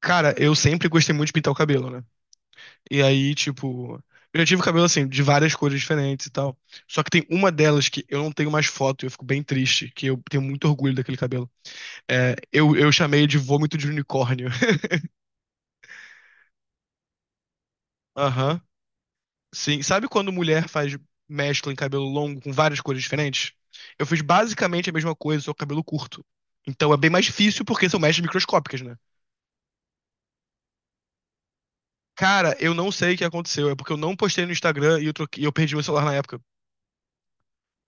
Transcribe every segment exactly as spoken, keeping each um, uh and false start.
Cara, eu sempre gostei muito de pintar o cabelo, né? E aí, tipo, eu já tive cabelo assim, de várias cores diferentes e tal. Só que tem uma delas que eu não tenho mais foto, e eu fico bem triste, que eu tenho muito orgulho daquele cabelo. É, eu, eu chamei de vômito de unicórnio. Aham. Sim. Sabe quando mulher faz mescla em cabelo longo com várias cores diferentes? Eu fiz basicamente a mesma coisa, só com cabelo curto. Então é bem mais difícil porque são mechas microscópicas, né? Cara, eu não sei o que aconteceu. É porque eu não postei no Instagram e eu, troquei- e eu perdi meu celular na época.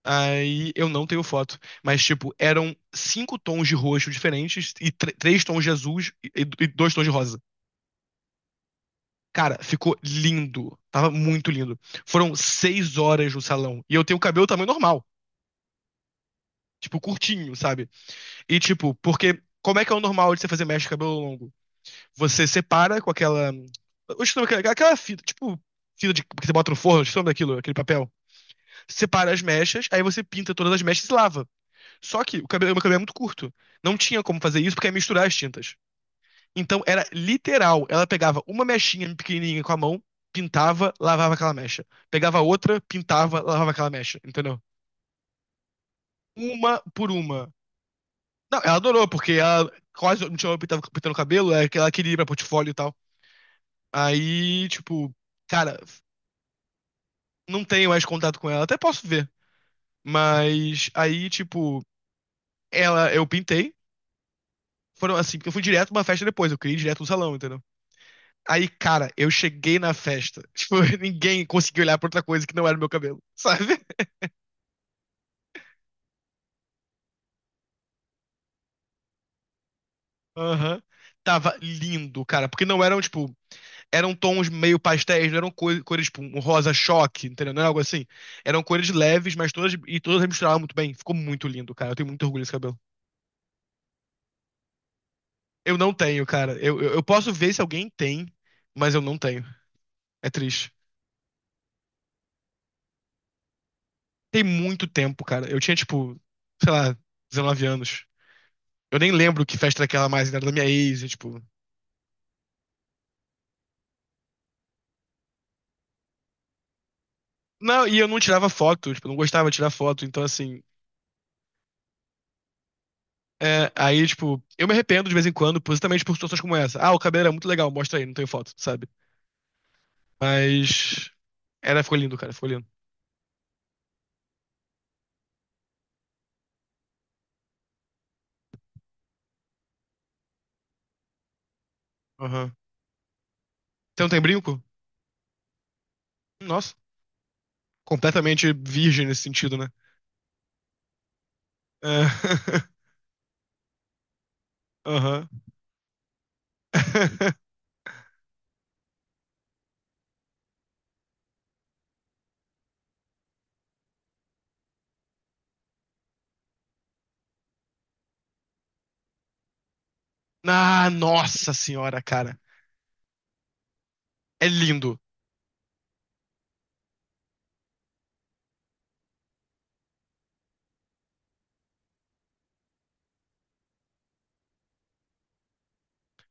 Aí eu não tenho foto. Mas, tipo, eram cinco tons de roxo diferentes e tre- três tons de azul e, e dois tons de rosa. Cara, ficou lindo. Tava muito lindo. Foram seis horas no salão. E eu tenho o cabelo tamanho normal. Tipo, curtinho, sabe? E, tipo, porque como é que é o normal de você fazer mecha de cabelo longo? Você separa com aquela. Eu esqueci o nome daquela aquela fita, tipo, fita de, que você bota no forno, eu esqueci o nome daquilo, aquele papel. Separa as mechas, aí você pinta todas as mechas e lava. Só que o cabelo, meu cabelo é muito curto. Não tinha como fazer isso porque ia misturar as tintas. Então era literal. Ela pegava uma mechinha pequenininha com a mão, pintava, lavava aquela mecha. Pegava outra, pintava, lavava aquela mecha. Entendeu? Uma por uma. Não, ela adorou, porque ela quase não tinha pintado, pintando o cabelo, é que ela queria ir pra portfólio e tal. Aí, tipo, cara, não tenho mais contato com ela. Até posso ver. Mas aí, tipo, ela, eu pintei. Foram assim, porque eu fui direto pra uma festa depois, eu queria ir direto no salão, entendeu? Aí, cara, eu cheguei na festa. Tipo, ninguém conseguiu olhar pra outra coisa que não era o meu cabelo, sabe? Aham. Tava lindo, cara. Porque não eram, tipo, eram tons meio pastéis, não eram co- cores, tipo, um rosa choque, entendeu? Não era algo assim. Eram cores leves, mas todas, e todas misturavam muito bem. Ficou muito lindo, cara. Eu tenho muito orgulho desse cabelo. Eu não tenho, cara. Eu, eu, eu posso ver se alguém tem, mas eu não tenho. É triste. Tem muito tempo, cara. Eu tinha, tipo, sei lá, dezenove anos. Eu nem lembro que festa era aquela mais, né? Era da minha ex, e, tipo. Não, e eu não tirava foto, tipo, eu não gostava de tirar foto, então assim. É, aí, tipo, eu me arrependo de vez em quando, positamente por situações como essa. Ah, o cabelo era muito legal, mostra aí, não tem foto, sabe? Mas. Era, ficou lindo, cara, ficou lindo. Aham. Você não tem brinco? Nossa, completamente virgem nesse sentido, né? É, Aham. Ah, nossa senhora, cara. É lindo.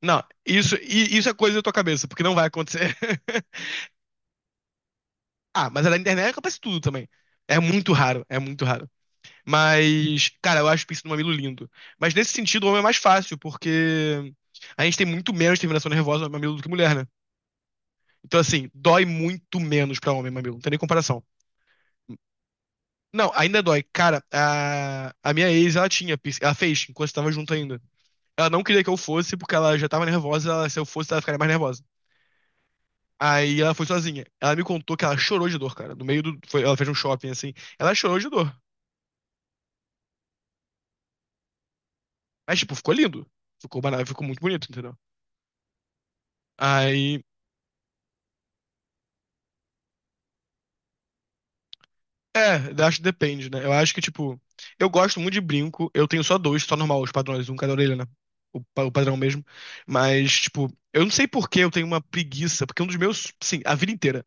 Não, isso, i- isso é coisa da tua cabeça, porque não vai acontecer. Ah, mas é na internet acontece tudo também. É muito raro, é muito raro. Mas, cara, eu acho o pincel do mamilo lindo. Mas nesse sentido, o homem é mais fácil, porque a gente tem muito menos terminação nervosa no mamilo do que mulher, né? Então, assim, dói muito menos pra homem mamilo. Não tem nem comparação. Não, ainda dói. Cara, a, a minha ex, ela tinha, piercing- ela fez enquanto tava junto ainda. Ela não queria que eu fosse, porque ela já tava nervosa. Ela- se eu fosse, ela ficaria mais nervosa. Aí ela foi sozinha. Ela me contou que ela chorou de dor, cara. No meio do. Foi- ela fez um shopping assim. Ela chorou de dor. Mas, tipo, ficou lindo. Ficou, bana- ficou muito bonito, entendeu? Aí É, eu acho que depende, né? Eu acho que, tipo, eu gosto muito de brinco. Eu tenho só dois, só normal, os padrões, um cada orelha, né? O, pa- o padrão mesmo. Mas, tipo, eu não sei por que eu tenho uma preguiça, porque um dos meus, sim, a vida inteira.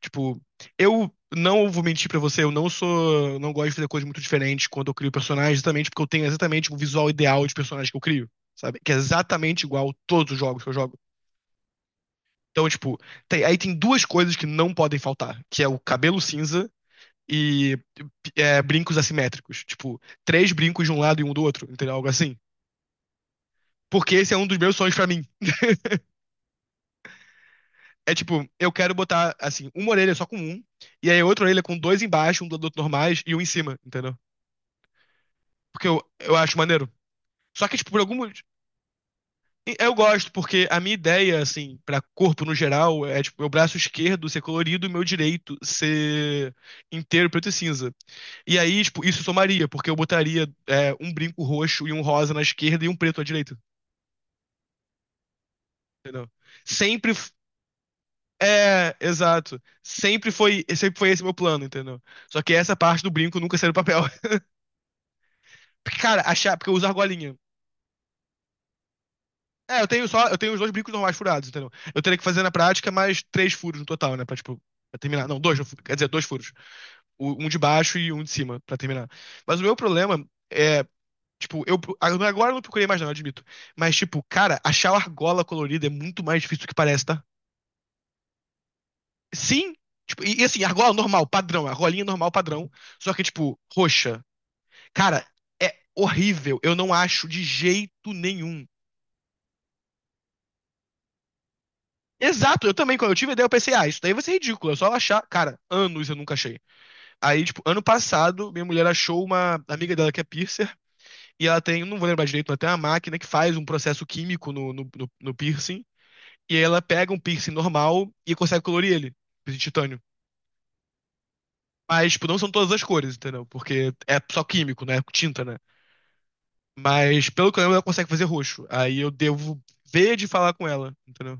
Tipo, eu não vou mentir pra você, eu não sou, não gosto de fazer coisas muito diferentes quando eu crio personagens, exatamente porque eu tenho exatamente o visual ideal de personagem que eu crio, sabe? Que é exatamente igual a todos os jogos que eu jogo. Então, tipo, tem- aí tem duas coisas que não podem faltar, que é o cabelo cinza e é, brincos assimétricos. Tipo, três brincos de um lado e um do outro, entendeu? Algo assim. Porque esse é um dos meus sonhos pra mim. É tipo, eu quero botar, assim, uma orelha só com um, e aí outra orelha com dois embaixo, um do outro normais e um em cima, entendeu? Porque eu, eu acho maneiro. Só que, tipo, por algum. Eu gosto, porque a minha ideia, assim, pra corpo no geral, é, tipo, meu braço esquerdo ser colorido e meu direito ser inteiro preto e cinza. E aí, tipo, isso somaria, porque eu botaria, é, um brinco roxo e um rosa na esquerda e um preto à direita. Entendeu? Sempre. f- É, exato. Sempre foi, sempre foi esse meu plano, entendeu? Só que essa parte do brinco nunca saiu do papel. Porque, cara, achar, porque eu uso argolinha. É, eu tenho só, eu tenho os dois brincos normais furados, entendeu? Eu teria que fazer na prática mais três furos no total, né? Pra, tipo, pra terminar. Não, dois, no fu- quer dizer, dois furos. O- Um de baixo e um de cima, pra terminar. Mas o meu problema é, tipo, eu pro- agora eu não procurei mais, não, eu admito. Mas, tipo, cara, achar a argola colorida é muito mais difícil do que parece, tá? Sim, tipo, e, e assim, argola normal, padrão, argolinha normal, padrão, só que, tipo, roxa. Cara, é horrível, eu não acho de jeito nenhum. Exato, eu também, quando eu tive a ideia, eu pensei, ah, isso daí vai ser ridículo, é só achar. Cara, anos eu nunca achei. Aí, tipo, ano passado, minha mulher achou uma amiga dela que é piercer, e ela tem, não vou lembrar direito, ela tem uma máquina que faz um processo químico no, no, no, no piercing, e aí ela pega um piercing normal e consegue colorir ele, de titânio. Mas, tipo, não são todas as cores, entendeu? Porque é só químico, né? Tinta, né? Mas, pelo que eu lembro, ela consegue fazer roxo. Aí eu devo ver de falar com ela, entendeu?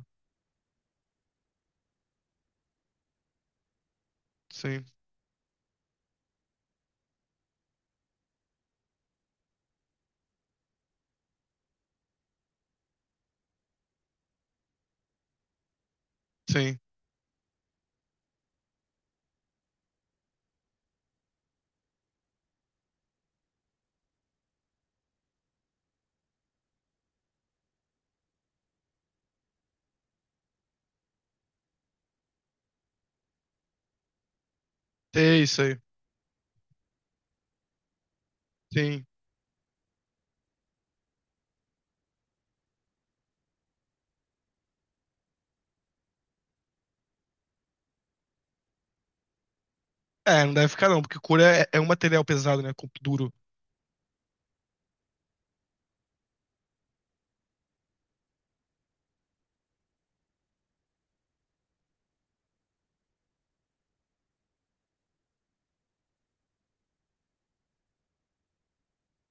Sim, sim. É isso aí. Sim. É, não deve ficar não, porque cura é, é um material pesado, né? com- Duro.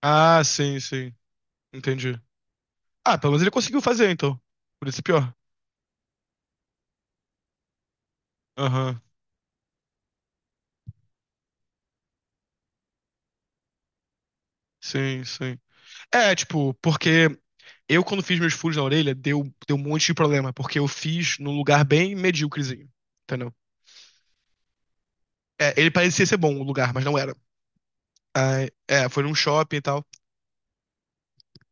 Ah, sim, sim. Entendi. Ah, pelo menos ele conseguiu fazer, então. Por isso é pior. Aham. Sim, sim. É, tipo, porque eu quando fiz meus furos na orelha, deu, deu um monte de problema, porque eu fiz num lugar bem medíocrezinho, entendeu? É, ele parecia ser bom o lugar, mas não era. Ah, é, foi num shopping e tal.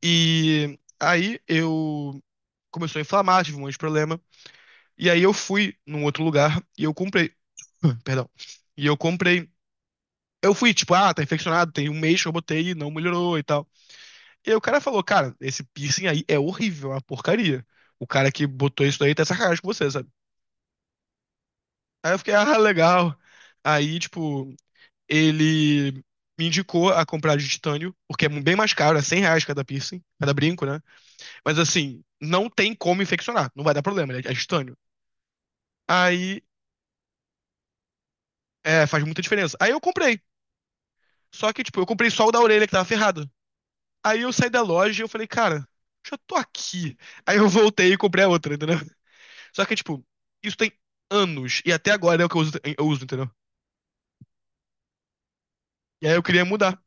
E aí eu começou a inflamar, tive um monte de problema. E aí eu fui num outro lugar e eu comprei. Perdão. E eu comprei. Eu fui, tipo, ah, tá infeccionado, tem um mês que eu botei e não melhorou e tal. E aí o cara falou, cara, esse piercing aí é horrível, é uma porcaria. O cara que botou isso daí tá de sacanagem com você, sabe? Aí eu fiquei, ah, legal. Aí, tipo, ele me indicou a comprar de titânio, porque é bem mais caro, é cem reais cada piercing, cada brinco, né? Mas assim, não tem como infeccionar. Não vai dar problema, ele é estânio. Aí, é, faz muita diferença. Aí eu comprei. Só que, tipo, eu comprei só o da orelha que tava ferrado. Aí eu saí da loja e eu falei, cara, já tô aqui. Aí eu voltei e comprei a outra, entendeu? Só que, tipo, isso tem anos. E até agora é o que eu uso, eu uso, entendeu? E aí eu queria mudar.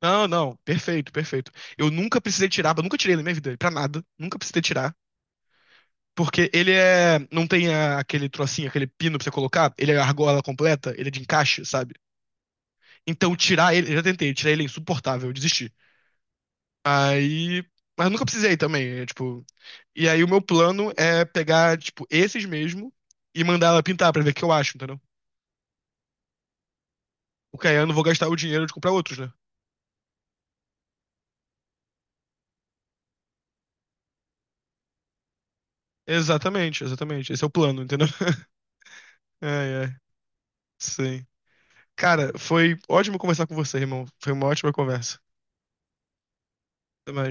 Não, não, perfeito, perfeito. Eu nunca precisei tirar, eu nunca tirei na minha vida, pra nada. Nunca precisei tirar. Porque ele é. Não tem a- aquele trocinho, aquele pino pra você colocar. Ele é argola completa, ele é de encaixe, sabe? Então tirar ele, eu já tentei, tirar ele é insuportável, eu desisti. Aí, mas eu nunca precisei também, é, tipo, e aí o meu plano é pegar, tipo, esses mesmo e mandar ela pintar pra ver o que eu acho, entendeu? Porque aí eu não vou gastar o dinheiro de comprar outros, né? Exatamente, exatamente. Esse é o plano, entendeu? Ai, ai, sim. Cara, foi ótimo conversar com você, irmão. Foi uma ótima conversa. Até mais.